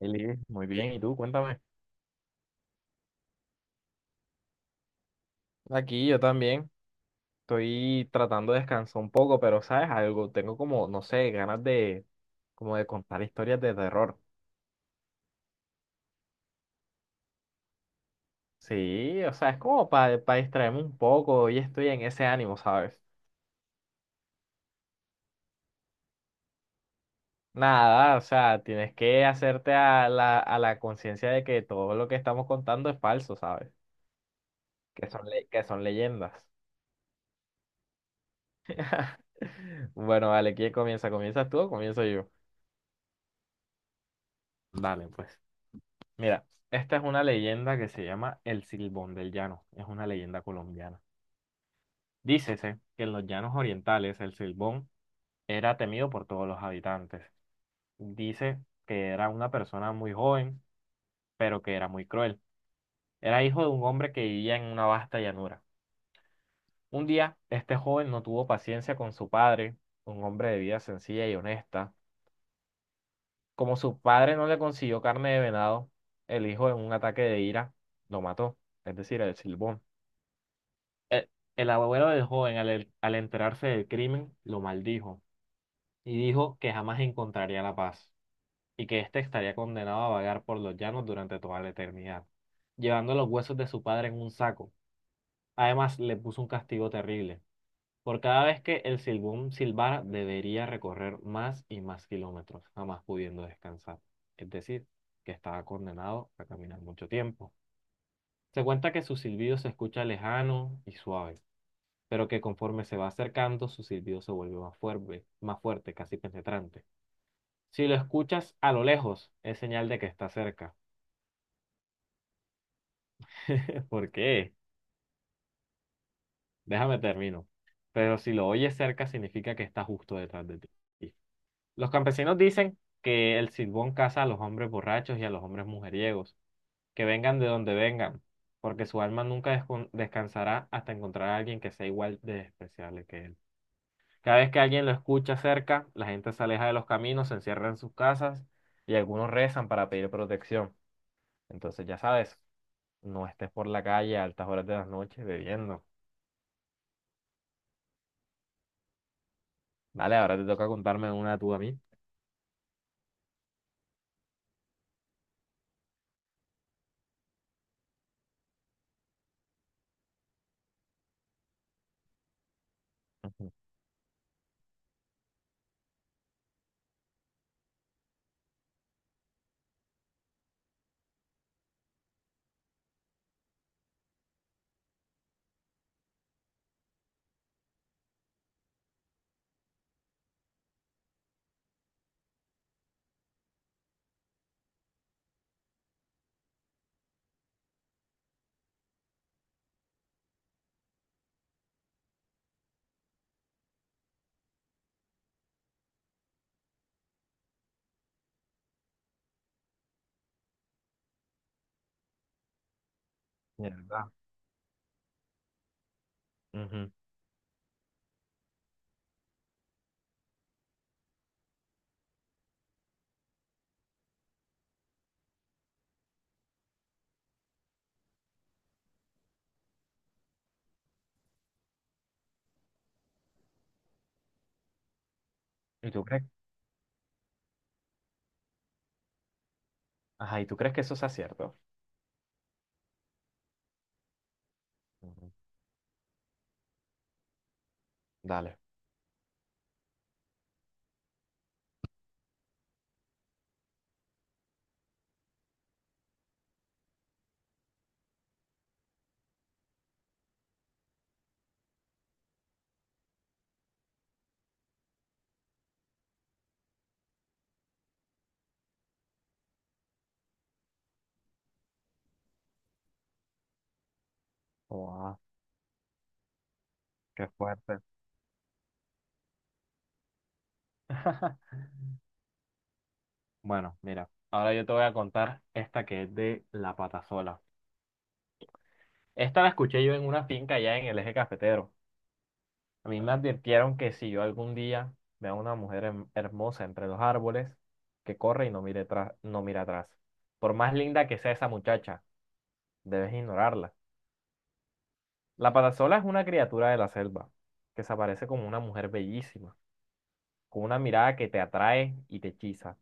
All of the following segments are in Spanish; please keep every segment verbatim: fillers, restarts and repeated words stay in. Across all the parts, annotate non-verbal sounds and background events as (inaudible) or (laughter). Eli, muy bien, ¿y tú? Cuéntame. Aquí yo también estoy tratando de descansar un poco, pero ¿sabes algo? Tengo como, no sé, ganas de como de contar historias de terror. Sí, o sea, es como para distraerme un poco y estoy en ese ánimo, ¿sabes? Nada, o sea, tienes que hacerte a la, a la conciencia de que todo lo que estamos contando es falso, ¿sabes? Que son, le- que son leyendas. (laughs) Bueno, vale, ¿quién comienza? ¿Comienzas tú o comienzo yo? Dale, pues. Mira, esta es una leyenda que se llama El Silbón del Llano. Es una leyenda colombiana. Dícese que en los llanos orientales el Silbón era temido por todos los habitantes. Dice que era una persona muy joven, pero que era muy cruel. Era hijo de un hombre que vivía en una vasta llanura. Un día, este joven no tuvo paciencia con su padre, un hombre de vida sencilla y honesta. Como su padre no le consiguió carne de venado, el hijo en un ataque de ira lo mató, es decir, el Silbón. El, el abuelo del joven, al, al enterarse del crimen, lo maldijo y dijo que jamás encontraría la paz y que éste estaría condenado a vagar por los llanos durante toda la eternidad, llevando los huesos de su padre en un saco. Además, le puso un castigo terrible. Por cada vez que el silbón silbara, debería recorrer más y más kilómetros, jamás pudiendo descansar. Es decir, que estaba condenado a caminar mucho tiempo. Se cuenta que su silbido se escucha lejano y suave pero que conforme se va acercando, su silbido se vuelve más fuerte, más fuerte, casi penetrante. Si lo escuchas a lo lejos, es señal de que está cerca. (laughs) ¿Por qué? Déjame termino. Pero si lo oyes cerca, significa que está justo detrás de ti. Los campesinos dicen que el silbón caza a los hombres borrachos y a los hombres mujeriegos, que vengan de donde vengan, porque su alma nunca descon- descansará hasta encontrar a alguien que sea igual de despreciable que él. Cada vez que alguien lo escucha cerca, la gente se aleja de los caminos, se encierra en sus casas y algunos rezan para pedir protección. Entonces, ya sabes, no estés por la calle a altas horas de la noche bebiendo. Vale, ahora te toca contarme una tú a mí. Ujú. Mierda. Ujú. ¿Y tú crees? Ajá, ¿y tú crees que eso sea cierto? Ujú. Dale. Wow, qué fuerte. (laughs) Bueno, mira, ahora yo te voy a contar esta que es de la patasola. Esta la escuché yo en una finca allá en el eje cafetero. A mí me advirtieron que si yo algún día veo a una mujer hem- hermosa entre los árboles, que corre y no mire atrás, no mira atrás. Por más linda que sea esa muchacha, debes ignorarla. La patasola es una criatura de la selva, que se aparece como una mujer bellísima, con una mirada que te atrae y te hechiza.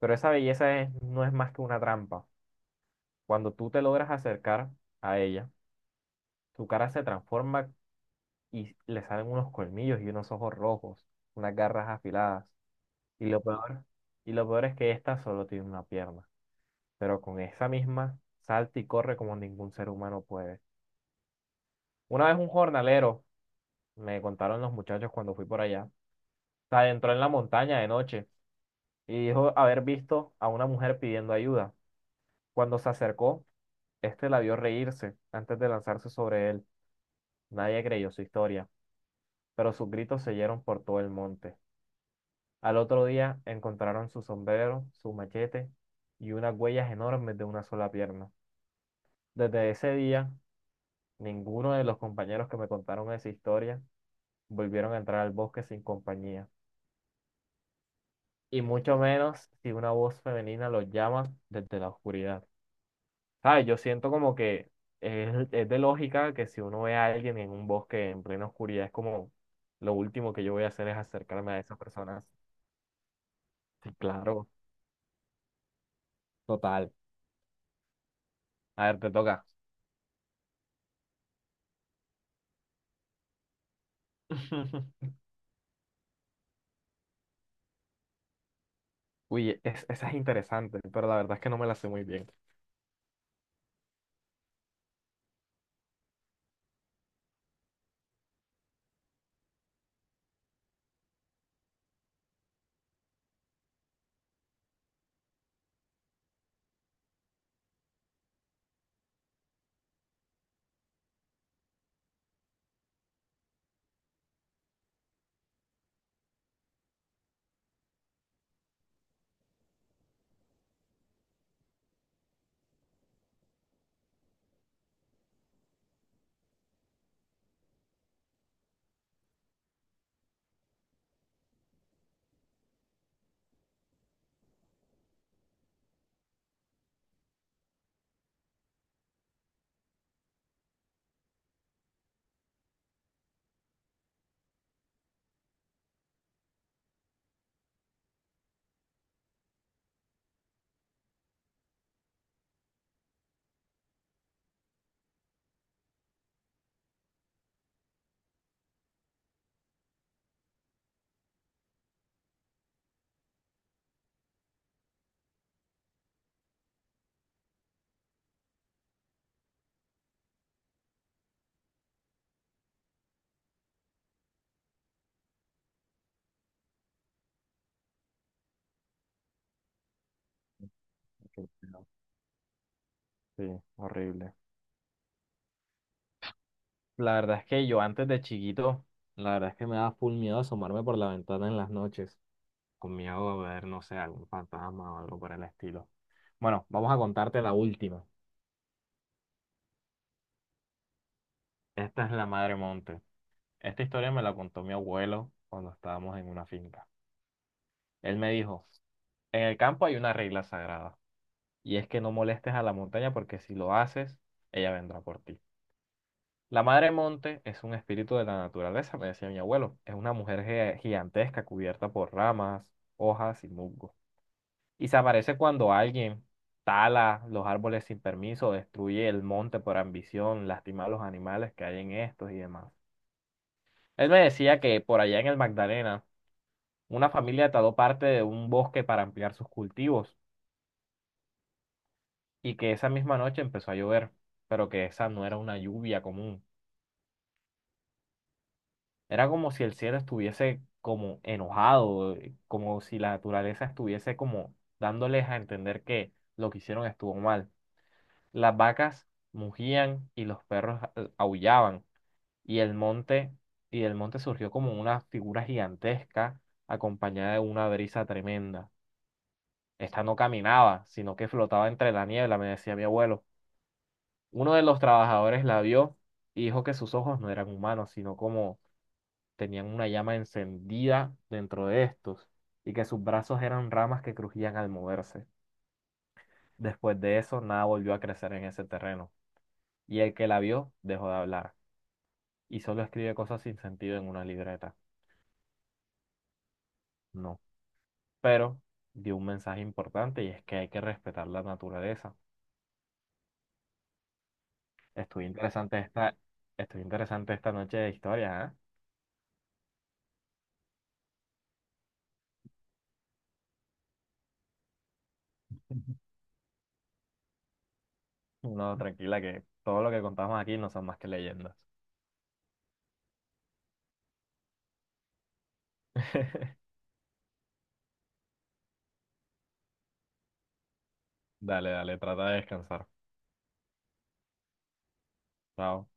Pero esa belleza es- no es más que una trampa. Cuando tú te logras acercar a ella, su cara se transforma y le salen unos colmillos y unos ojos rojos, unas garras afiladas. Y lo peor, y lo peor es que esta solo tiene una pierna, pero con esa misma salta y corre como ningún ser humano puede. Una vez un jornalero, me contaron los muchachos cuando fui por allá, se adentró en la montaña de noche y dijo haber visto a una mujer pidiendo ayuda. Cuando se acercó, este la vio reírse antes de lanzarse sobre él. Nadie creyó su historia, pero sus gritos se oyeron por todo el monte. Al otro día encontraron su sombrero, su machete y unas huellas enormes de una sola pierna. Desde ese día, ninguno de los compañeros que me contaron esa historia volvieron a entrar al bosque sin compañía, y mucho menos si una voz femenina los llama desde la oscuridad. ¿Sabes? Yo siento como que es, es de lógica que si uno ve a alguien en un bosque en plena oscuridad, es como lo último que yo voy a hacer es acercarme a esas personas. Sí, claro, total. A ver, te toca. (laughs) Uy, es- esa es interesante, pero la verdad es que no me la sé muy bien. Ok, pero- Sí, horrible. La verdad es que yo antes de chiquito, la verdad es que me daba full miedo asomarme por la ventana en las noches, con miedo de ver, no sé, algún fantasma o algo por el estilo. Bueno, vamos a contarte la última. Esta es la Madre Monte. Esta historia me la contó mi abuelo cuando estábamos en una finca. Él me dijo, en el campo hay una regla sagrada, y es que no molestes a la montaña porque si lo haces, ella vendrá por ti. La madre monte es un espíritu de la naturaleza, me decía mi abuelo. Es una mujer ge- gigantesca cubierta por ramas, hojas y musgo. Y se aparece cuando alguien tala los árboles sin permiso, destruye el monte por ambición, lastima a los animales que hay en estos y demás. Él me decía que por allá en el Magdalena, una familia taló parte de un bosque para ampliar sus cultivos y que esa misma noche empezó a llover, pero que esa no era una lluvia común. Era como si el cielo estuviese como enojado, eh, como si la naturaleza estuviese como dándoles a entender que lo que hicieron estuvo mal. Las vacas mugían y los perros eh, aullaban y el monte y del monte surgió como una figura gigantesca acompañada de una brisa tremenda. Esta no caminaba, sino que flotaba entre la niebla, me decía mi abuelo. Uno de los trabajadores la vio y dijo que sus ojos no eran humanos, sino como tenían una llama encendida dentro de estos y que sus brazos eran ramas que crujían al moverse. Después de eso, nada volvió a crecer en ese terreno y el que la vio dejó de hablar y solo escribe cosas sin sentido en una libreta. No, pero dio un mensaje importante y es que hay que respetar la naturaleza. Estuvo interesante esta, estuvo interesante esta noche de historia, ¿eh? (laughs) No, tranquila, que todo lo que contamos aquí no son más que leyendas. (laughs) Dale, dale, trata de descansar. Chao.